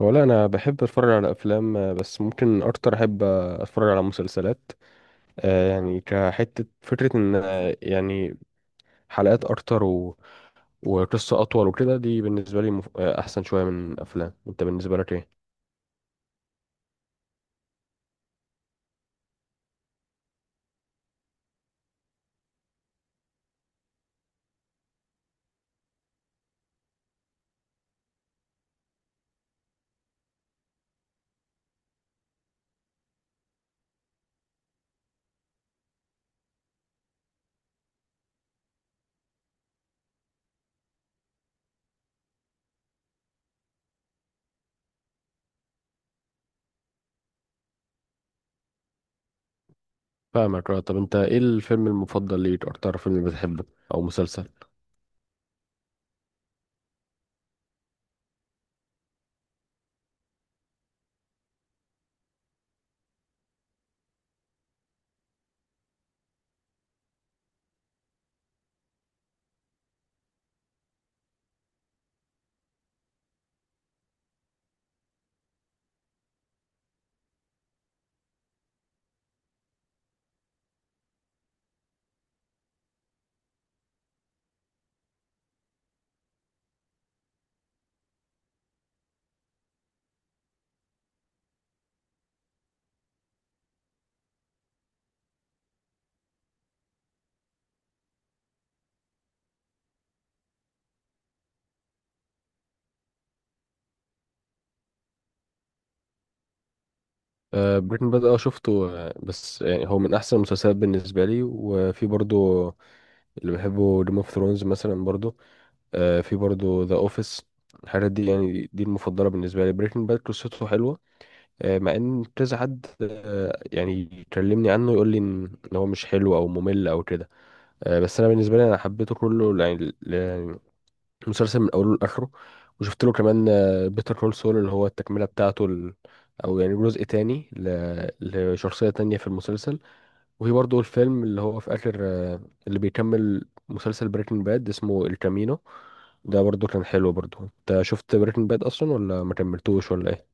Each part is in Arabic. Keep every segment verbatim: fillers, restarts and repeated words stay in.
ولا انا بحب اتفرج على افلام، آه، بس ممكن اكتر احب آه، اتفرج على مسلسلات. آه، يعني كحته فكره ان آه، يعني حلقات اكتر و... وقصه اطول وكده، دي بالنسبه لي مف... آه، احسن شويه من الافلام. انت بالنسبه لك ايه؟ فاهمك. اه، طب انت ايه الفيلم المفضل ليك؟ اكتر فيلم بتحبه او مسلسل؟ آه، بريكنج باد. اه، شفته. آه، بس يعني هو من احسن المسلسلات بالنسبه لي، وفي برضو اللي بحبه جيم اوف ثرونز مثلا برضو، آه، في برضو ذا اوفيس. الحاجات دي يعني دي المفضله بالنسبه لي. بريكنج باد قصته حلوه، آه، مع ان كذا حد آه، يعني يكلمني عنه يقول لي ان إن هو مش حلو او ممل او كده. آه، بس انا بالنسبه لي انا حبيته كله يعني، ل- يعني المسلسل من اوله لاخره. وشفت له كمان بيتر كول سول، اللي هو التكمله بتاعته، ال- او يعني جزء تاني ل- لشخصيه تانية في المسلسل. وفي برضه الفيلم اللي هو في آخر، آه، اللي بيكمل مسلسل بريكنج باد، اسمه الكامينو. ده برضه كان حلو برضه. انت شفت بريكنج باد اصلا ولا ما كملتوش ولا ايه؟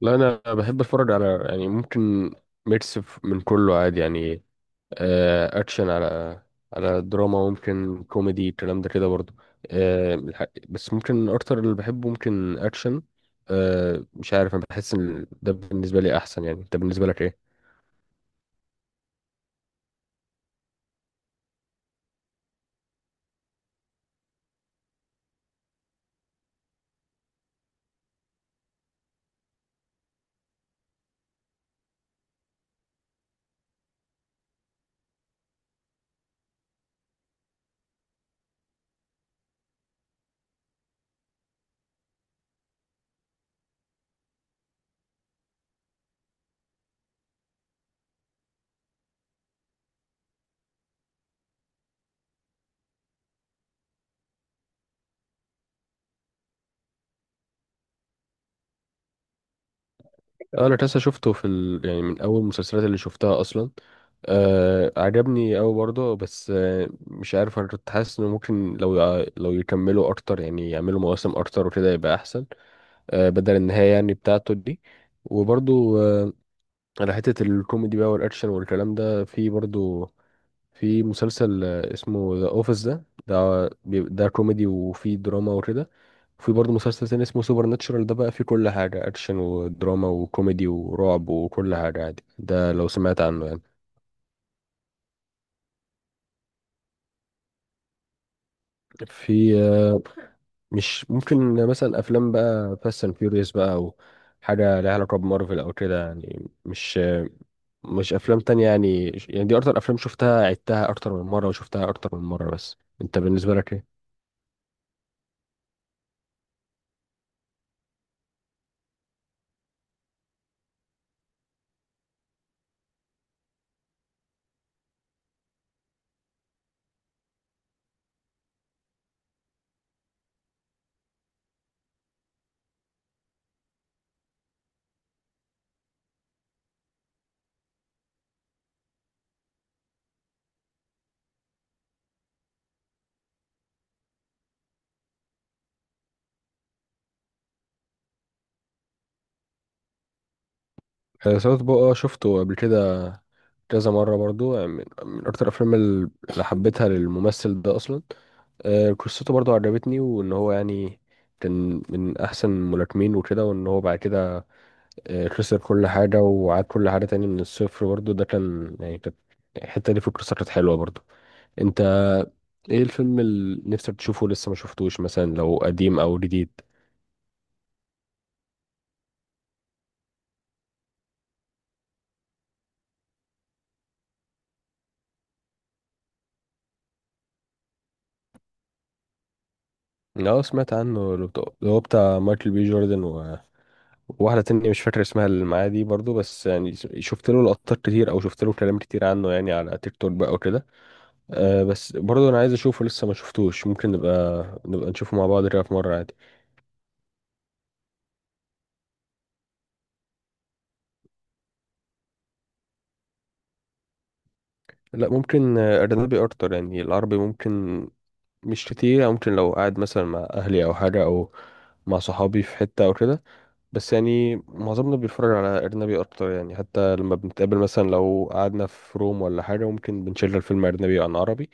لا، انا بحب اتفرج على يعني ممكن ميكس ف- من كله عادي يعني. آه، اكشن، على على دراما، ممكن كوميدي، الكلام ده كده برضه. آه، الح- بس ممكن اكتر اللي بحبه ممكن اكشن. آه، مش عارف، انا بحس ان ده بالنسبه لي احسن يعني. انت بالنسبه لك ايه؟ اه، انا تاسا شفته في ال... يعني من اول المسلسلات اللي شفتها اصلا. آه، عجبني اوي برضه، بس آه مش عارف، انا كنت حاسس انه ممكن لو يع- لو يكملوا اكتر يعني يعملوا مواسم اكتر وكده يبقى احسن، آه بدل النهاية يعني بتاعته دي. وبرضه آه على حتة الكوميدي بقى والاكشن والكلام ده، في برضه في مسلسل آه، اسمه ذا اوفيس، ده ده بي- ده كوميدي وفي دراما وكده. في برضه مسلسل تاني اسمه سوبر ناتشورال، ده بقى فيه كل حاجة، أكشن ودراما وكوميدي ورعب وكل حاجة عادي، ده لو سمعت عنه يعني. في آه، مش ممكن مثلا أفلام بقى فاست أند فيوريوس بقى، أو حاجة ليها علاقة بمارفل أو كده يعني، مش آه، مش أفلام تانية يعني يعني دي أكتر أفلام شفتها، عدتها أكتر من مرة وشفتها أكتر من مرة. بس أنت بالنسبة لك إيه؟ آه، ساوث بو. اه، شفته قبل كده كذا مرة برضو يعني، من, من أكتر الأفلام ال- اللي حبيتها للممثل ده أصلا. آه، قصته برضو عجبتني، وإن هو يعني كان من أحسن الملاكمين وكده، وإن هو بعد كده آه، خسر كل حاجة وعاد كل حاجة تاني من الصفر برضو. ده كان يعني كانت الحتة دي في القصة كانت حلوة برضو. أنت إيه الفيلم اللي نفسك تشوفه لسه ما شفتوش، مثلا لو قديم أو جديد؟ أه، سمعت عنه، اللي بتاع- اللي هو بتاع مايكل بي جوردن، واحدة تانية مش فاكر اسمها اللي معايا دي برضو. بس يعني شفت له لقطات كتير او شفت له كلام كتير عنه يعني، على تيك توك بقى وكده. أه، بس برضو انا عايز اشوفه، لسه ما شفتوش. ممكن نبقى نبقى نشوفه مع بعض كده في مرة عادي. لا، ممكن آه، اجنبي اكتر يعني. العربي ممكن مش كتير يعني، ممكن لو قاعد مثلا مع اهلي او حاجة، او مع صحابي في حتة او كده. بس يعني معظمنا بيتفرج على أجنبي أكتر يعني، حتى لما بنتقابل مثلا لو قعدنا في روم ولا حاجة، ممكن بنشغل الفيلم أجنبي عن عربي.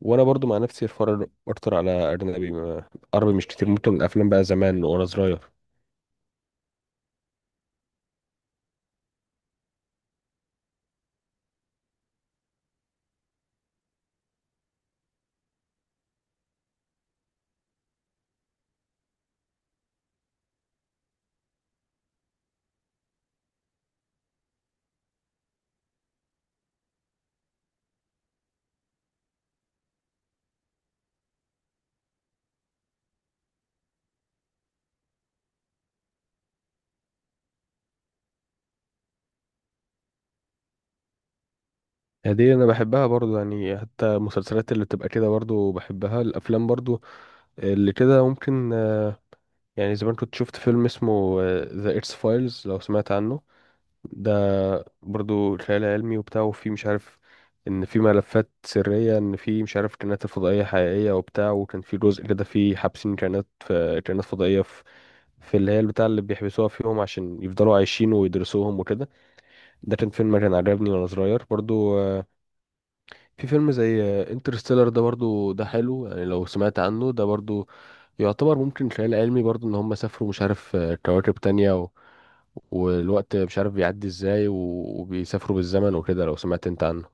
وأنا برضو مع نفسي أتفرج أكتر على أجنبي، ما- عربي مش كتير، ممكن الأفلام بقى زمان وأنا صغير. هدي أنا بحبها برضو يعني، حتى المسلسلات اللي بتبقى كده برضو بحبها، الأفلام برضو اللي كده ممكن. آه، يعني زمان كنت شفت فيلم اسمه ذا إتس فايلز، لو سمعت عنه. ده برضو خيال علمي وبتاع، وفي مش عارف ان في ملفات سرية، ان في مش عارف كائنات الفضائية حقيقية وبتاع، وكان في جزء كده في حابسين كائنات في كائنات فضائية في, في اللي هي البتاع اللي بيحبسوها فيهم عشان يفضلوا عايشين ويدرسوهم وكده. ده كان فيلم كان عجبني وانا صغير برضو. آه، في فيلم زي انترستيلر، ده برضو ده حلو يعني، لو سمعت عنه. ده برضو يعتبر ممكن خيال علمي برضو، ان هم سافروا مش عارف آه، كواكب تانية، والوقت مش عارف بيعدي ازاي و- وبيسافروا بالزمن وكده. لو سمعت انت عنه؟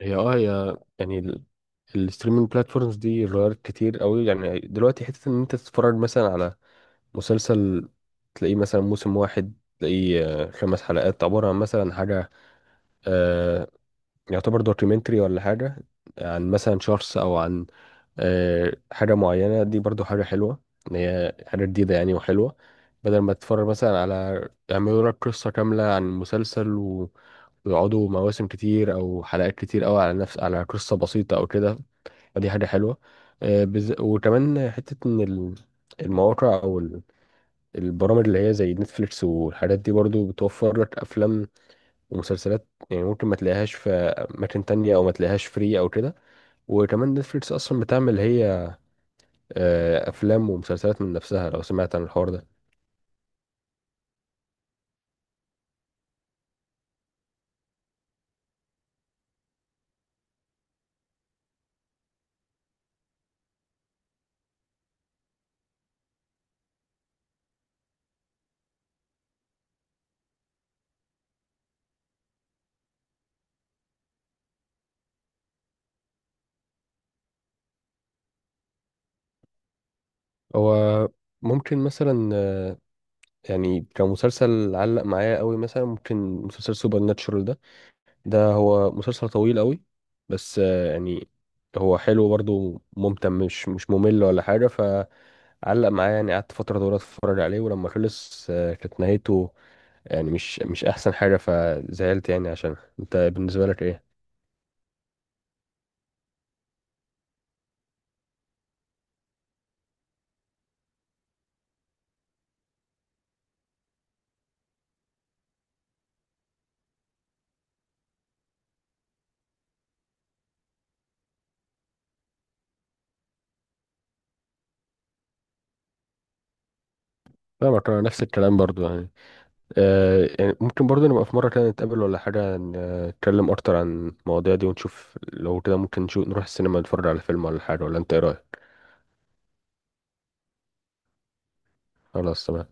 هي اه هي يعني الستريمينج بلاتفورمز دي غيرت كتير قوي يعني. دلوقتي حتة ان انت تتفرج مثلا على مسلسل، تلاقيه مثلا موسم واحد، تلاقيه آه، خمس حلقات عبارة عن مثلا حاجة آه، يعتبر دوكيومنتري ولا حاجة، عن مثلا شخص او عن آه، حاجة معينة. دي برضو حاجة حلوة، إن هي حاجة جديدة يعني وحلوة، بدل ما تتفرج مثلا على يعملوا لك قصة كاملة عن مسلسل و... ويقعدوا مواسم كتير أو حلقات كتير أوي على نفس، على قصة بسيطة أو كده. فدي حاجة حلوة. آه، بز... وكمان حتة إن ال- المواقع أو ال- البرامج اللي هي زي نتفليكس والحاجات دي برضو بتوفر لك أفلام ومسلسلات، يعني ممكن ما تلاقيهاش في أماكن تانية أو ما تلاقيهاش فري أو كده. وكمان نتفليكس أصلا بتعمل هي آه، افلام ومسلسلات من نفسها، لو سمعت عن الحوار ده. هو ممكن مثلا آه، يعني كمسلسل علق معايا قوي مثلا ممكن مسلسل سوبر ناتشورال ده ده هو مسلسل طويل قوي، بس آه، يعني هو حلو برضه ممتع، مش مش ممل ولا حاجة، فعلق معايا يعني. قعدت فترة طويلة اتفرج عليه، ولما خلص آه، كانت نهايته يعني مش مش احسن حاجة فزعلت يعني. عشان انت بالنسبة لك ايه؟ فاهمك، انا نفس الكلام برضه يعني. آه يعني ممكن برضه نبقى في مرة كده نتقابل ولا حاجة، ن- نتكلم أكتر عن المواضيع دي ونشوف، لو كده ممكن نشوف نروح السينما نتفرج على فيلم ولا حاجة، ولا أنت إيه رأيك؟ خلاص تمام.